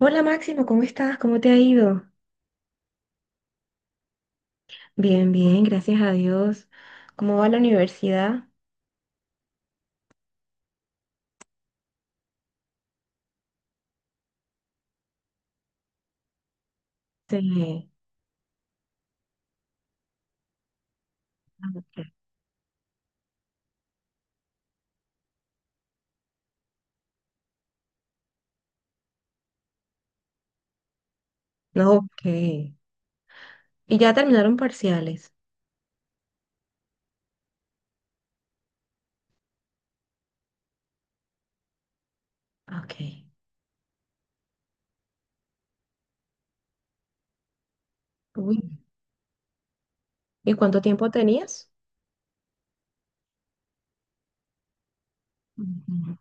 Hola Máximo, ¿cómo estás? ¿Cómo te ha ido? Bien, bien, gracias a Dios. ¿Cómo va la universidad? Sí. No, ok. ¿Y ya terminaron parciales? Ok. Uy, ¿y cuánto tiempo tenías? Ujú.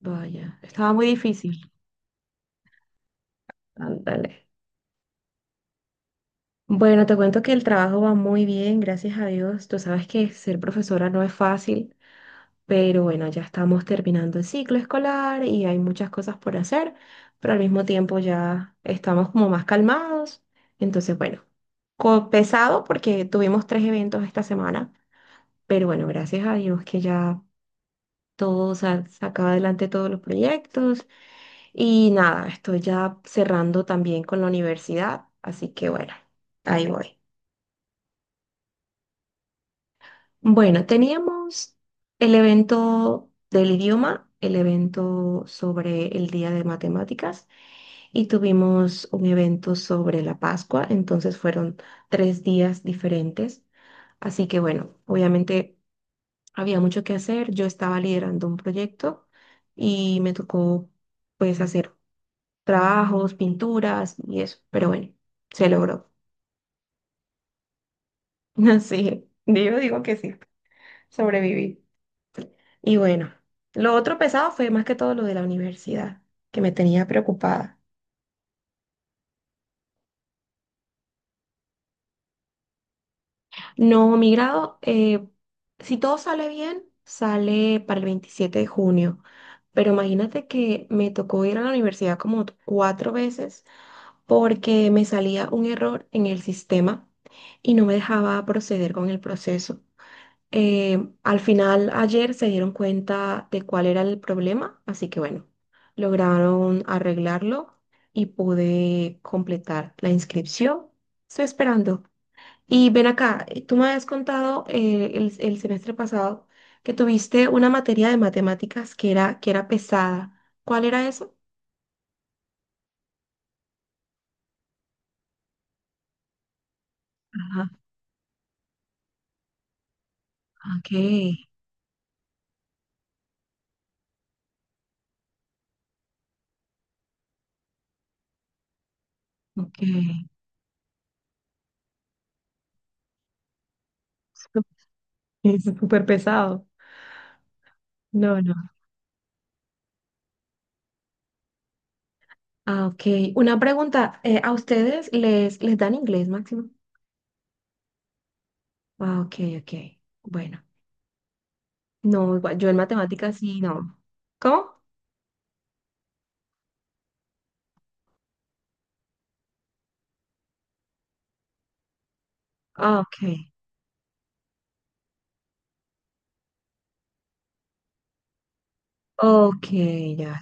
Vaya, estaba muy difícil. Ándale. Bueno, te cuento que el trabajo va muy bien, gracias a Dios. Tú sabes que ser profesora no es fácil. Pero bueno, ya estamos terminando el ciclo escolar y hay muchas cosas por hacer, pero al mismo tiempo ya estamos como más calmados. Entonces, bueno, pesado porque tuvimos tres eventos esta semana, pero bueno, gracias a Dios que ya todo saca adelante todos los proyectos y nada, estoy ya cerrando también con la universidad, así que bueno, ahí voy. Bueno, teníamos el evento del idioma, el evento sobre el Día de Matemáticas y tuvimos un evento sobre la Pascua, entonces fueron 3 días diferentes. Así que bueno, obviamente había mucho que hacer, yo estaba liderando un proyecto y me tocó pues hacer trabajos, pinturas y eso, pero bueno, se logró. Así, yo digo que sí, sobreviví. Y bueno, lo otro pesado fue más que todo lo de la universidad, que me tenía preocupada. No, mi grado, si todo sale bien, sale para el 27 de junio. Pero imagínate que me tocó ir a la universidad como cuatro veces porque me salía un error en el sistema y no me dejaba proceder con el proceso. Al final, ayer se dieron cuenta de cuál era el problema, así que bueno, lograron arreglarlo y pude completar la inscripción. Estoy esperando. Y ven acá, tú me habías contado el semestre pasado que tuviste una materia de matemáticas que era pesada. ¿Cuál era eso? Ajá, ok, ok. Es súper pesado. No, no. Ah, ok. Una pregunta, ¿a ustedes les dan inglés, Máximo? Ah, ok, ok. Bueno, no, igual, yo en matemáticas sí, no. ¿Cómo? Ah, ok. Ok, ya,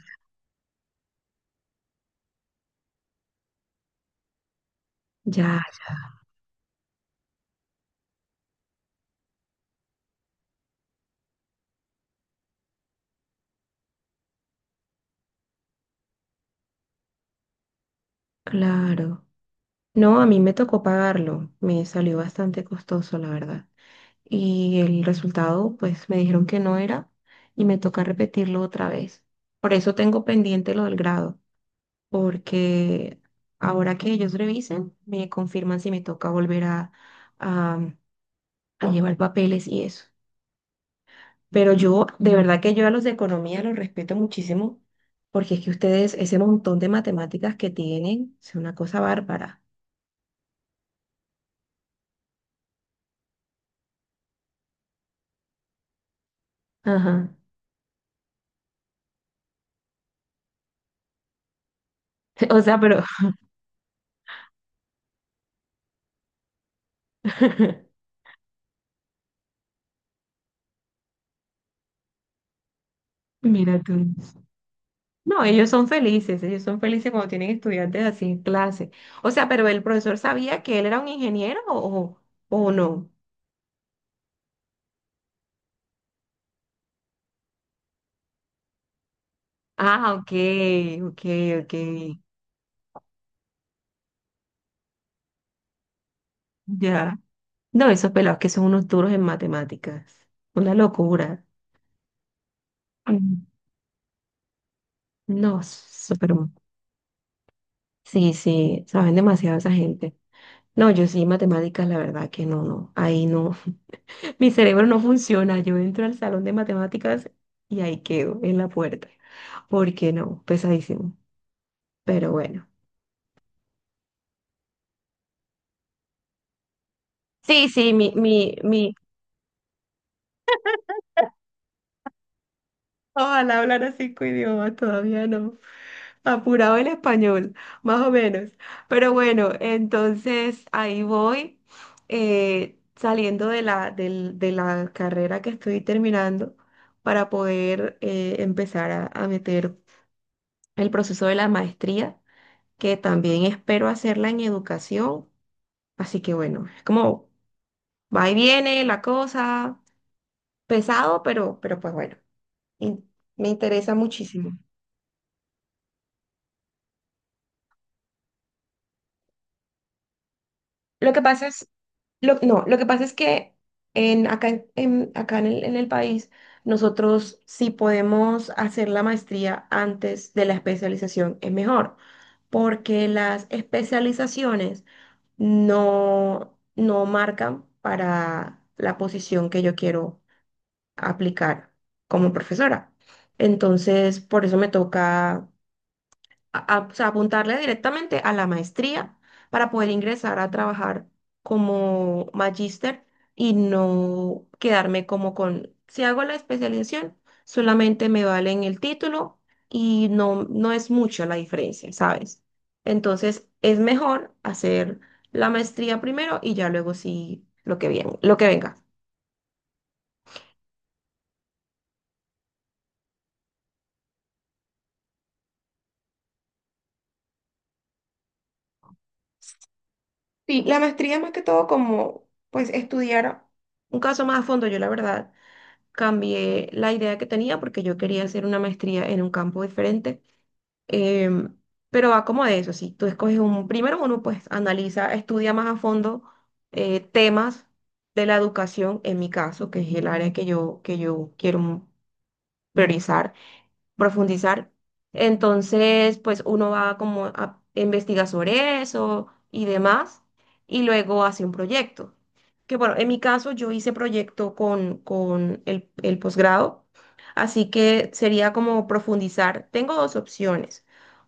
ya, claro. No, a mí me tocó pagarlo, me salió bastante costoso, la verdad. Y el resultado, pues me dijeron que no era y me toca repetirlo otra vez. Por eso tengo pendiente lo del grado, porque ahora que ellos revisen, me confirman si me toca volver a- a llevar papeles y eso. Pero yo, de verdad que yo a los de economía los respeto muchísimo, porque es que ustedes, ese montón de matemáticas que tienen, es una cosa bárbara. Ajá. O sea, pero... Mira tú. No, ellos son felices cuando tienen estudiantes así en clase. O sea, pero el profesor sabía que él era un ingeniero o no. Ah, ok, ok, ok. Ya. No, esos pelados que son unos duros en matemáticas. Una locura. Mm. No, súper. Sí, sí, saben demasiado esa gente. No, yo sí, matemáticas, la verdad que no, no. Ahí no. Mi cerebro no funciona. Yo entro al salón de matemáticas y ahí quedo en la puerta. ¿Por qué no? Pesadísimo. Pero bueno. Sí, sí, mi, mi, mi. Ojalá hablar cinco idiomas, todavía no. Apurado el español, más o menos. Pero bueno, entonces ahí voy, saliendo de la carrera que estoy terminando para poder empezar a meter el proceso de la maestría, que también espero hacerla en educación. Así que bueno, es como va y viene la cosa, pesado, pero pues bueno, in- me interesa muchísimo. Lo que pasa es, lo, no, lo que pasa es que en, acá, en, acá en el país nosotros si podemos hacer la maestría antes de la especialización es mejor, porque las especializaciones no, no marcan para la posición que yo quiero aplicar como profesora. Entonces, por eso me toca o sea, apuntarle directamente a la maestría para poder ingresar a trabajar como magíster y no quedarme como con, si hago la especialización, solamente me valen el título y no, no es mucho la diferencia, ¿sabes? Entonces es mejor hacer la maestría primero y ya luego sí lo que bien, lo que venga. Sí, la maestría es más que todo como pues estudiar un caso más a fondo, yo la verdad. Cambié la idea que tenía porque yo quería hacer una maestría en un campo diferente. em, pero va como de eso, si tú escoges un, primero uno pues analiza, estudia más a fondo temas de la educación, en mi caso, que es el área que yo quiero priorizar profundizar. Entonces, pues uno va como a investigar sobre eso y demás, y luego hace un proyecto. Que bueno, en mi caso yo hice proyecto con el posgrado, así que sería como profundizar. Tengo dos opciones.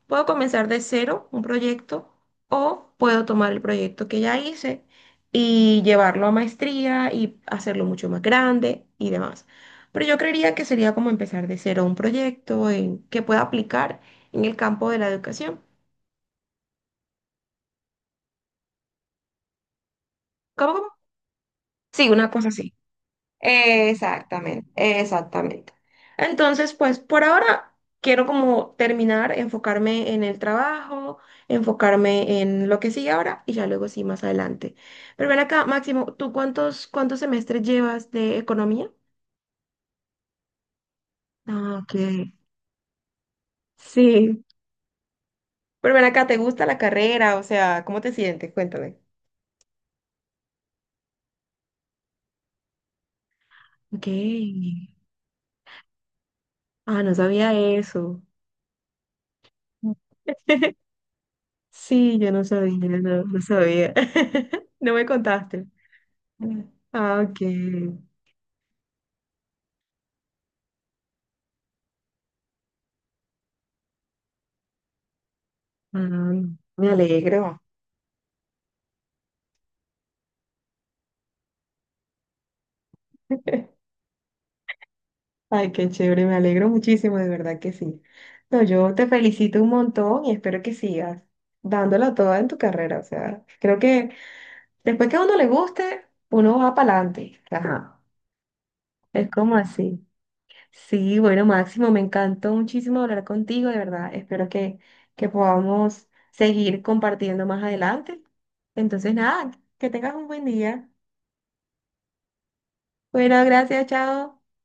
Puedo comenzar de cero un proyecto o puedo tomar el proyecto que ya hice y llevarlo a maestría y hacerlo mucho más grande y demás. Pero yo creería que sería como empezar de cero un proyecto en, que pueda aplicar en el campo de la educación. ¿Cómo, cómo? Sí, una cosa así. Exactamente, exactamente. Entonces, pues por ahora quiero como terminar, enfocarme en el trabajo, enfocarme en lo que sigue ahora y ya luego sí más adelante. Pero ven acá, Máximo, ¿tú cuántos, cuántos semestres llevas de economía? Ah, ok. Sí. Pero ven acá, ¿te gusta la carrera? O sea, ¿cómo te sientes? Cuéntame. Ok. Ah, no sabía eso. Sí, yo no sabía, no, no sabía. No me contaste. Ah, ok. Ah, me alegro. Ay, qué chévere, me alegro muchísimo, de verdad que sí. No, yo te felicito un montón y espero que sigas dándola toda en tu carrera. O sea, creo que después que a uno le guste, uno va para adelante. Ajá. Es como así. Sí, bueno, Máximo, me encantó muchísimo hablar contigo, de verdad. Espero que podamos seguir compartiendo más adelante. Entonces, nada, que tengas un buen día. Bueno, gracias, chao.